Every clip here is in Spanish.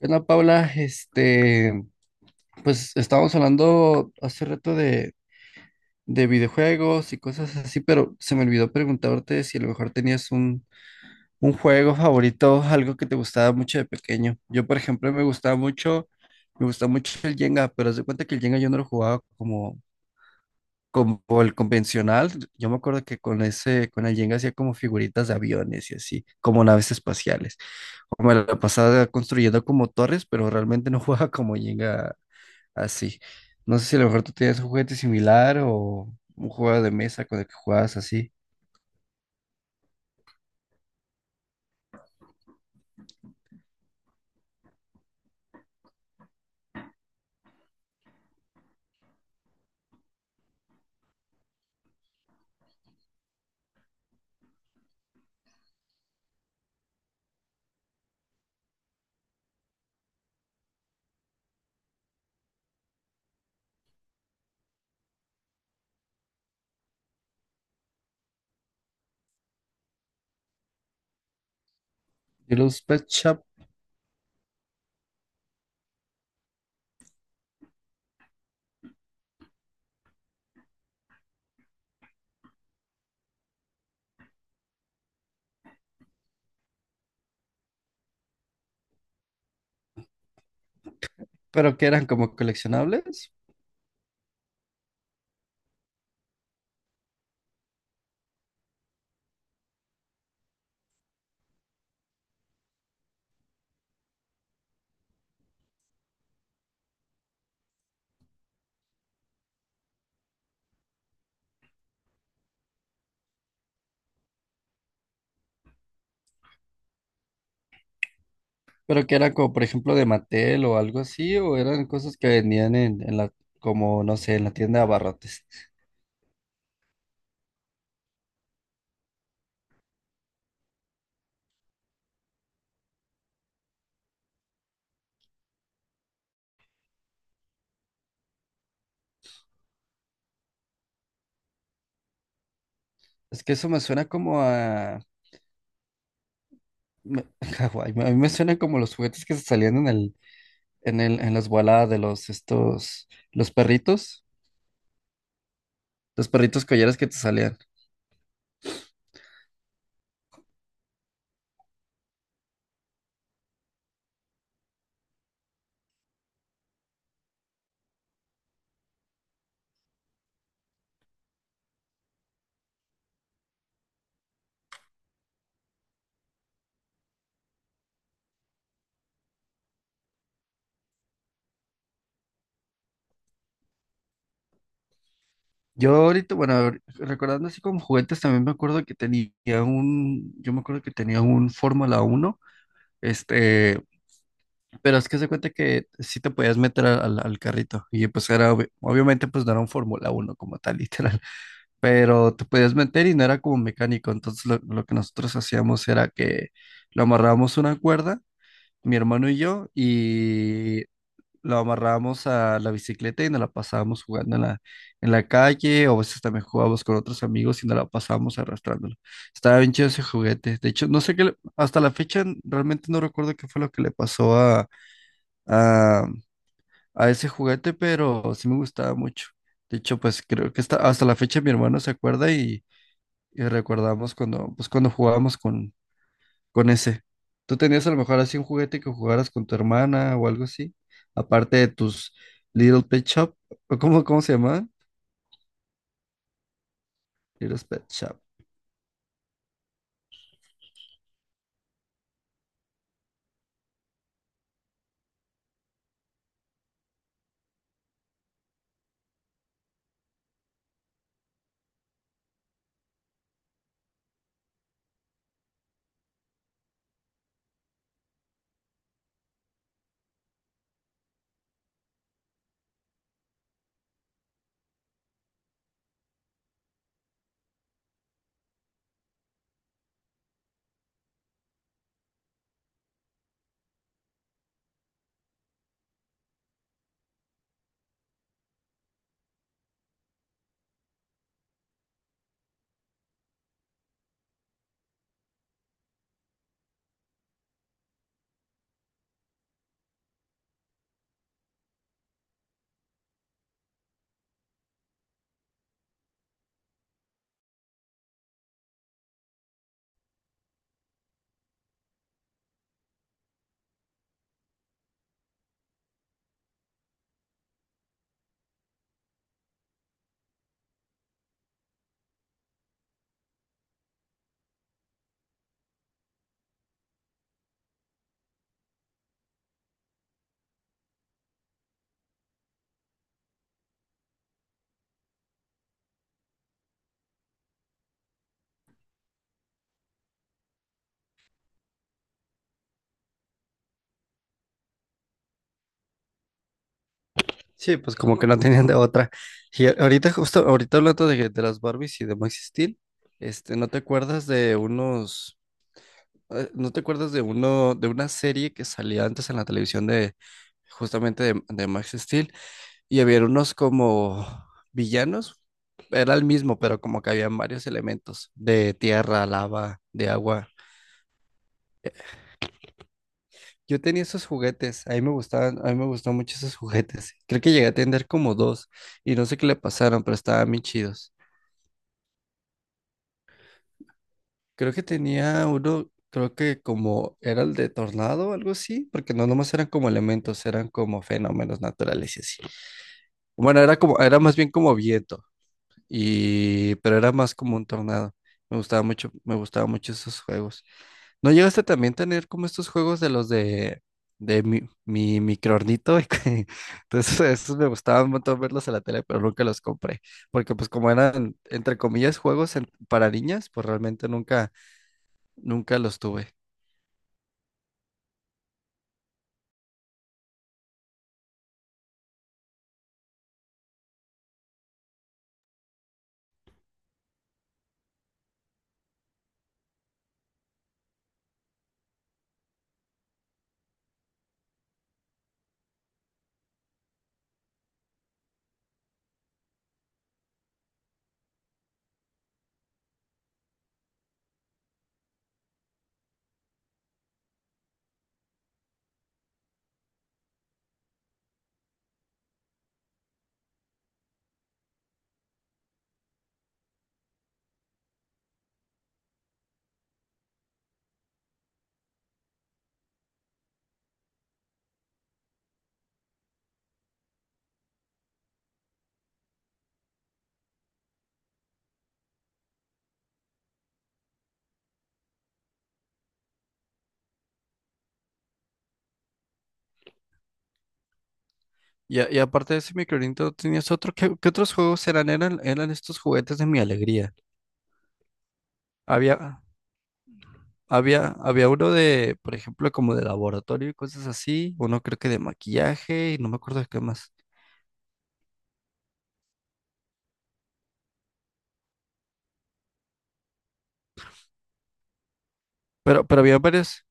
Hola, Paula. Pues estábamos hablando hace rato de videojuegos y cosas así, pero se me olvidó preguntarte si a lo mejor tenías un juego favorito, algo que te gustaba mucho de pequeño. Yo, por ejemplo, me gustaba mucho el Jenga, pero haz de cuenta que el Jenga yo no lo jugaba como el convencional. Yo me acuerdo que con el Jenga hacía como figuritas de aviones y así, como naves espaciales. O me la pasaba construyendo como torres, pero realmente no jugaba como Jenga así. No sé si a lo mejor tú tenías un juguete similar o un juego de mesa con el que jugabas así. Y los Pet Shop, pero que eran como coleccionables, pero que eran como, por ejemplo, de Mattel o algo así, o eran cosas que vendían en la, como, no sé, en la tienda de abarrotes. Es que eso me suena como a me- Hawái, a mí me suena como los juguetes que se salían en en el, en las baladas de los, estos, los perritos collares que te salían. Yo ahorita, bueno, recordando así como juguetes, también me acuerdo que tenía yo me acuerdo que tenía un Fórmula 1 este, pero es que se cuenta que sí te podías meter al carrito y pues era, obviamente pues no era un Fórmula 1 como tal, literal, pero te podías meter y no era como mecánico, entonces lo que nosotros hacíamos era que lo amarrábamos a una cuerda, mi hermano y yo, y lo amarrábamos a la bicicleta y nos la pasábamos jugando en en la calle, o a veces también jugábamos con otros amigos y nos la pasábamos arrastrándola. Estaba bien chido ese juguete. De hecho, no sé qué, hasta la fecha realmente no recuerdo qué fue lo que le pasó a, a ese juguete, pero sí me gustaba mucho. De hecho, pues creo que hasta la fecha mi hermano se acuerda y recordamos cuando, pues, cuando jugábamos con ese. ¿Tú tenías a lo mejor así un juguete que jugaras con tu hermana o algo así? Aparte de tus Little Pet Shop, ¿o ¿cómo, cómo se llamaba? Little Pet Shop. Sí, pues como que no tenían de otra. Y ahorita, justo ahorita hablando de las Barbies y de Max Steel. ¿No te acuerdas de unos, no te acuerdas de uno, de una serie que salía antes en la televisión justamente de Max Steel, y había unos como villanos? Era el mismo, pero como que habían varios elementos de tierra, lava, de agua. Yo tenía esos juguetes, a mí me gustaban mucho esos juguetes. Creo que llegué a tener como dos y no sé qué le pasaron, pero estaban bien chidos. Creo que tenía uno, creo que como era el de tornado o algo así, porque no nomás eran como elementos, eran como fenómenos naturales y así. Bueno, era como, era más bien como viento, y pero era más como un tornado. Me gustaba mucho esos juegos. ¿No llegaste también a tener como estos juegos de los de mi microornito? Entonces, esos me gustaban un montón verlos en la tele, pero nunca los compré, porque pues como eran entre comillas juegos para niñas, pues realmente nunca los tuve. Y, y aparte de ese microornito, ¿tenías otro? Qué otros juegos eran? Eran estos juguetes de Mi Alegría. Había había uno de, por ejemplo, como de laboratorio y cosas así, uno creo que de maquillaje y no me acuerdo de qué más. Pero había varios,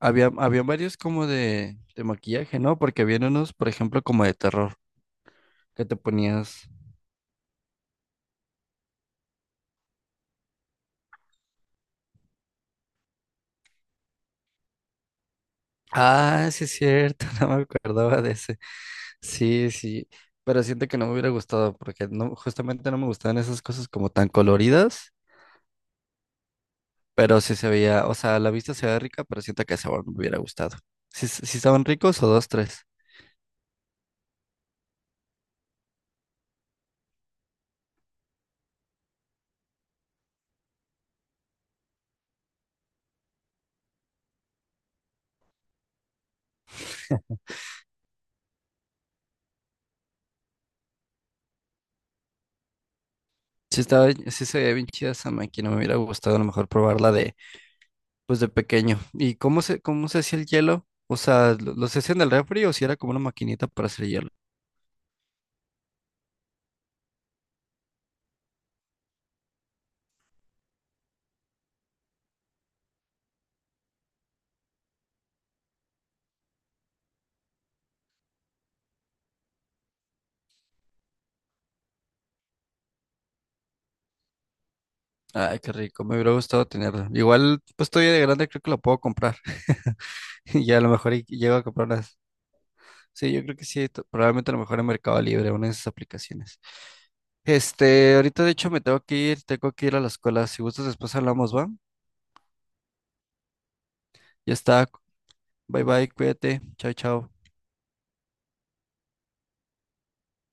había varios como de maquillaje, ¿no? Porque había unos, por ejemplo, como de terror, que te ponías. Ah, sí es cierto, no me acordaba de ese. Sí, sí, pero siento que no me hubiera gustado porque no, justamente no me gustaban esas cosas como tan coloridas, pero sí se veía, o sea, a la vista se veía rica, pero siento que el sabor no me hubiera gustado. Sí, sí estaban ricos o dos, tres. Sí estaba, sí se veía bien chida esa máquina, me hubiera gustado a lo mejor probarla de, pues de pequeño. ¿Y cómo se hacía el hielo? O sea, lo se hacía en el refri o si era como una maquinita para hacer hielo? Ay, qué rico, me hubiera gustado tenerla. Igual, pues todavía de grande creo que la puedo comprar. Y ya a lo mejor y llego a comprarlas. Sí, yo creo que sí, probablemente a lo mejor en Mercado Libre, una de esas aplicaciones. Este, ahorita de hecho me tengo que ir a la escuela. Si gustas, después hablamos, ¿va? Ya está. Bye bye, cuídate. Chao, chao.